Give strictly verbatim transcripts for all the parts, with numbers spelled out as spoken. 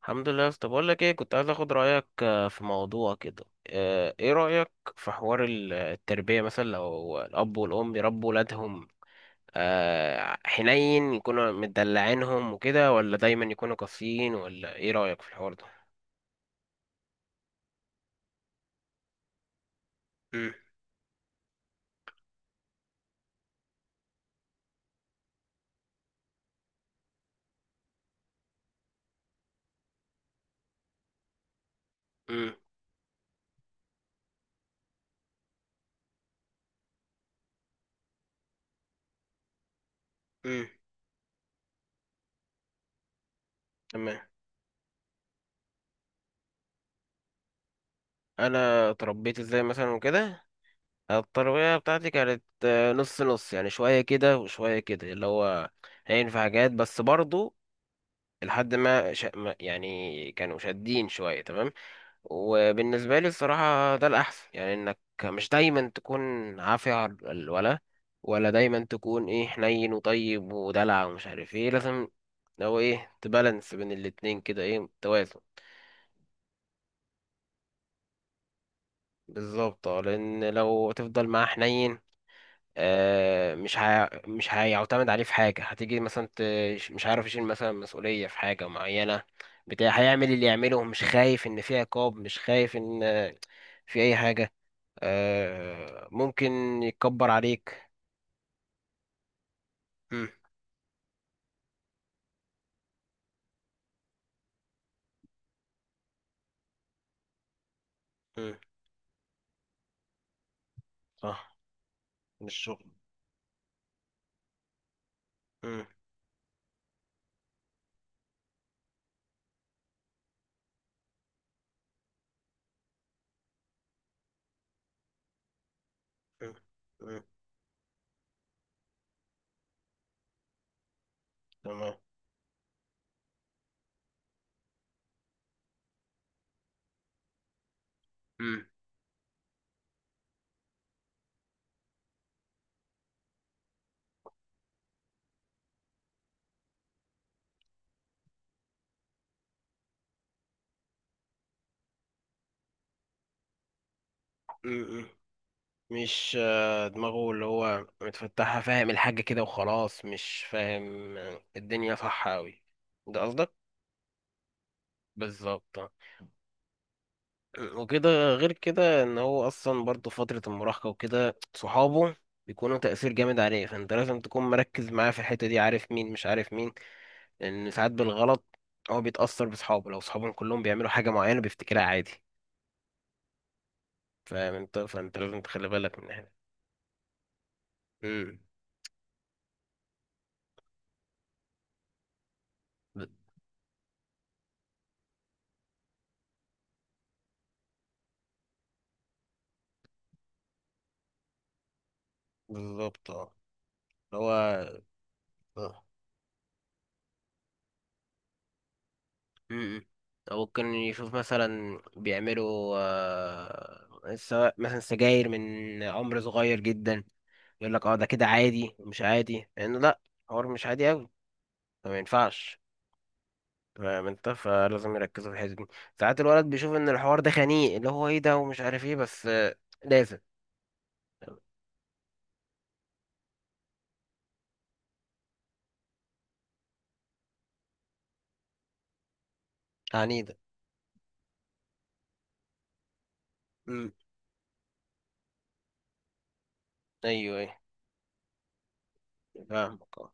الحمد لله. طب اقول لك ايه، كنت عايز اخد رايك آه، في موضوع كده. آه، ايه رايك في حوار ال- التربيه، مثلا لو الاب والام يربوا ولادهم آه، حنين يكونوا مدلعينهم وكده، ولا دايما يكونوا قاسيين؟ ولا ايه رايك في الحوار ده؟ مم. مم. مم. تمام. انا اتربيت ازاي مثلا وكده. التربيه بتاعتي كانت آه، نص نص، يعني شويه كده وشويه كده، اللي هو هينفع حاجات، بس برضو لحد ما شا... ما- يعني كانوا شادين شويه. تمام. وبالنسبة لي الصراحة ده الأحسن، يعني إنك مش دايما تكون عافية على الولا، ولا دايما تكون إيه حنين وطيب ودلع ومش عارف إيه. لازم لو إيه تبالانس بين الاتنين كده، إيه، توازن. بالظبط اه، لأن لو تفضل معاه حنين آه، مش هي... مش هيعتمد عليه في حاجة، هتيجي مثلا ت... مش عارف يشيل مثلا مسؤولية في حاجة معينة، بتاع هيعمل اللي يعمله، مش خايف إن في عقاب، مش خايف إن آه، في أي حاجة. آه ممكن يكبر عليك. مم. مم. صح. من الشغل. مم. مم. مم. تمام. مم. مم. مم. مش آه، دماغه اللي هو متفتحة، فاهم الحاجة كده وخلاص، مش فاهم آه، الدنيا صح أوي. ده قصدك؟ بالظبط آه. مم. وكده. غير كده ان هو اصلا برضه فترة المراهقة وكده، صحابه بيكونوا تأثير جامد عليه، فانت لازم تكون مركز معاه في الحتة دي، عارف مين مش عارف مين. لأن ساعات بالغلط هو بيتأثر بصحابه، لو صحابهم كلهم بيعملوا حاجة معينة بيفتكرها عادي. فاهم انت؟ فانت لازم تخلي بالك من ده. امم ب- بالظبط اه. اللي هو آه. امم أو ممكن يشوف مثلا بيعملوا آه، سواء مثلا سجاير من عمر صغير جدا، يقول لك اه ده كده عادي. مش عادي لأنه لأ، حوار مش عادي أوي. فما ينفعش، فاهم انت. فلازم يركزوا في الحته دي. ساعات الولد بيشوف ان الحوار ده خنيق، اللي هو ايه ده ومش عارف ايه، بس آه، لازم. عنيدة. امم ايوه ايوه، فاهمك اه.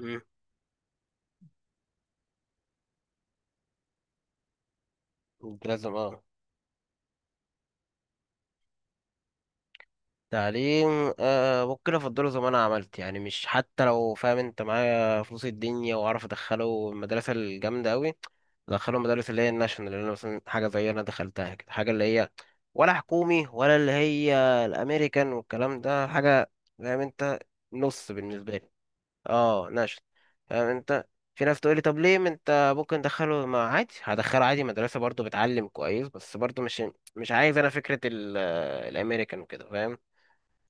امم انت لازم اه، تعليم. آه ممكن افضله زي ما انا عملت، يعني مش حتى لو فاهم انت معايا فلوس الدنيا واعرف ادخله المدرسه الجامده قوي. ادخله المدارس اللي هي الناشونال، اللي انا مثلا حاجه زي انا دخلتها كده، حاجه اللي هي، ولا حكومي ولا اللي هي الامريكان والكلام ده حاجه، فاهم انت، نص بالنسبه لي. اه نشل، فاهم انت. في ناس تقولي طب ليه ما انت ممكن تدخله، ما عادي هدخله عادي مدرسة برضو بتعلم كويس، بس برضو مش، مش عايز انا فكرة ال- الامريكان وكده، فاهم.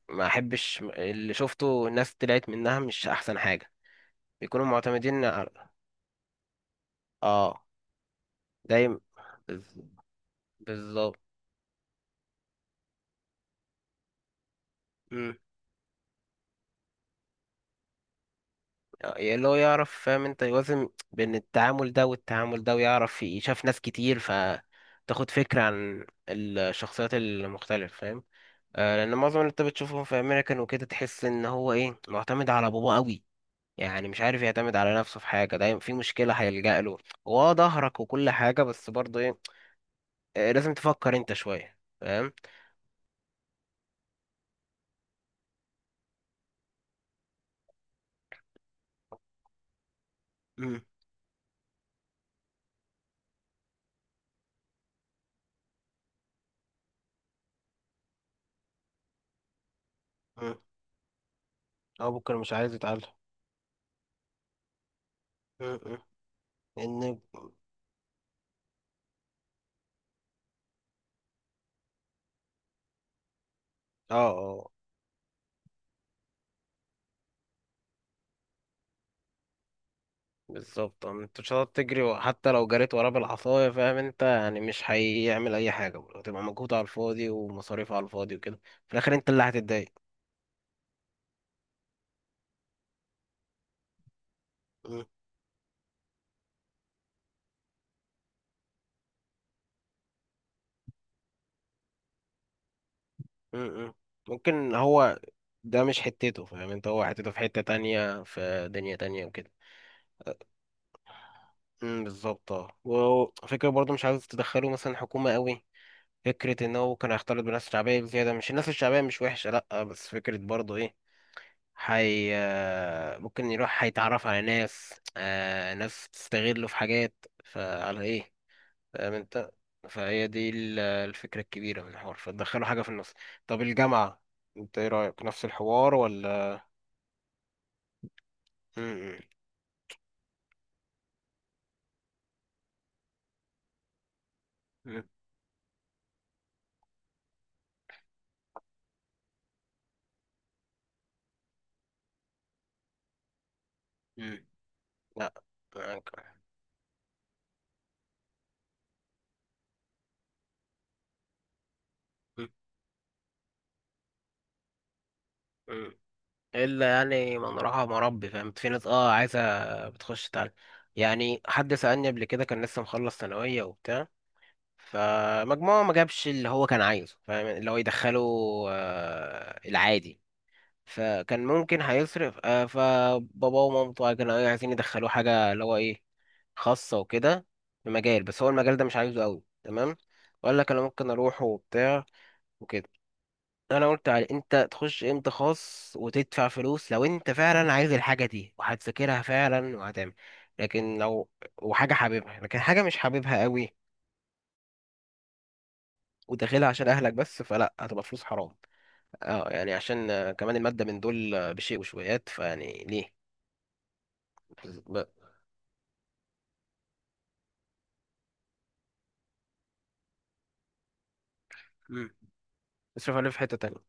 ما احبش اللي شفته، الناس طلعت منها مش احسن حاجة، بيكونوا معتمدين على اه دايما. بز- بالظبط. مم. اللي هو يعرف، فاهم انت، يوازن بين التعامل ده والتعامل ده، ويعرف يشاف ناس كتير فتاخد فكرة عن الشخصيات المختلفة، فاهم. آه، لان معظم اللي انت بتشوفهم في امريكان وكده، تحس ان هو ايه معتمد على باباه قوي، يعني مش عارف يعتمد على نفسه في حاجه، دايما في مشكله هيلجأ له هو، آه، ظهرك وكل حاجه. بس برضه ايه، آه، لازم تفكر انت شويه، فاهم. امم امم اه، بكره مش عايز يتعلم. امم ان اه اه بالظبط آه، انت مش هتقعد تجري، وحتى لو جريت وراه بالعصايه فاهم انت، يعني مش هيعمل اي حاجه، وتبقى مجهود على الفاضي ومصاريف على الفاضي وكده. في الاخر انت اللي هتتضايق. م-م. ممكن هو، ده مش حتته فاهم انت، هو حتته في حتة تانية في دنيا تانية وكده. م، بالظبط اه. وفكرة برضه مش عايز تدخله مثلا حكومة قوي، فكرة ان هو كان هيختلط بالناس الشعبية بزيادة، مش الناس الشعبية مش وحشة لأ، بس فكرة برضه ايه حي. ممكن يروح هيتعرف على ناس آه ناس تستغله في حاجات، فعلى ايه، فاهم انت. فهي دي ال- الفكرة الكبيرة من الحوار، فتدخله حاجة في النص. طب الجامعة، انت ايه رأيك؟ نفس الحوار ولا؟ مم. مم. مم. لا، فاهمك. مم. مم. الا يعني، من راح مربي، فاهم، في ناس اه عايزه بتخش تعلم. يعني حد سالني قبل كده، كان لسه مخلص ثانويه وبتاع، فمجموعه ما جابش اللي هو كان عايزه، فاهم، اللي هو يدخله آه العادي. فكان ممكن هيصرف آه، فبابا ومامته كانوا إيه عايزين يدخلوه حاجه اللي هو ايه خاصه وكده، في مجال، بس هو المجال ده مش عايزه قوي. تمام، وقال لك انا ممكن اروح وبتاع وكده. انا قلت على انت تخش امتى خاص وتدفع فلوس لو انت فعلا عايز الحاجه دي، وهتذاكرها فعلا وهتعمل. لكن لو، وحاجه حاببها لكن حاجه مش حاببها قوي وداخلها عشان اهلك بس، فلا، هتبقى فلوس حرام. اه، يعني عشان آه، كمان الماده من دول آه، بشيء وشويات فيعني ليه. بز- ب- مم. اصرف عليه في حته تانية.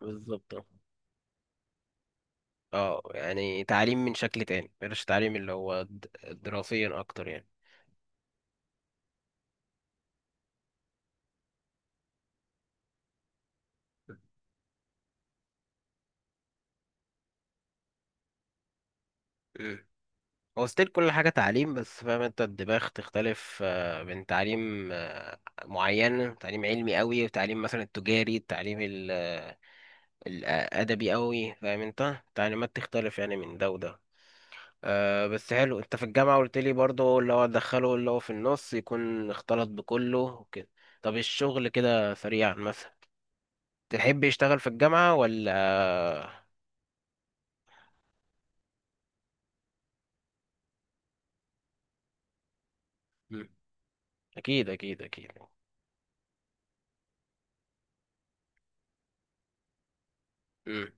بالظبط اه. آه، يعني تعليم من شكل تاني، بلاش تعليم اللي هو د- دراسيا اكتر يعني. هو ستيل كل حاجة تعليم، بس فاهم انت، الدماغ تختلف آه، بين تعليم آه، معين، تعليم علمي قوي، وتعليم مثلا التجاري، التعليم ال- آه، الأدبي قوي، فاهم انت، تعليمات تختلف يعني من ده وده. أه، بس حلو، انت في الجامعة قلت لي برضه اللي هو دخله اللي هو في النص، يكون اختلط بكله وكده. طب الشغل كده سريعا مثلا، تحب يشتغل في الجامعة ولا؟ مم. أكيد أكيد أكيد. مم.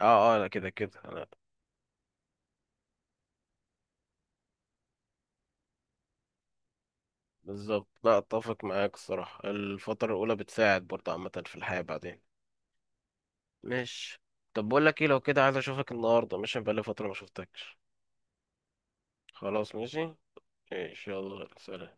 اه اه، أنا كده كده. بالظبط، لا اتفق معاك الصراحة، الفترة الأولى بتساعد برضه عامة في الحياة بعدين. ماشي. طب بقول لك ايه، لو كده عايز اشوفك النهاردة، مش بقالي فترة ما شفتكش. خلاص، ماشي. ماشي، يلا، سلام.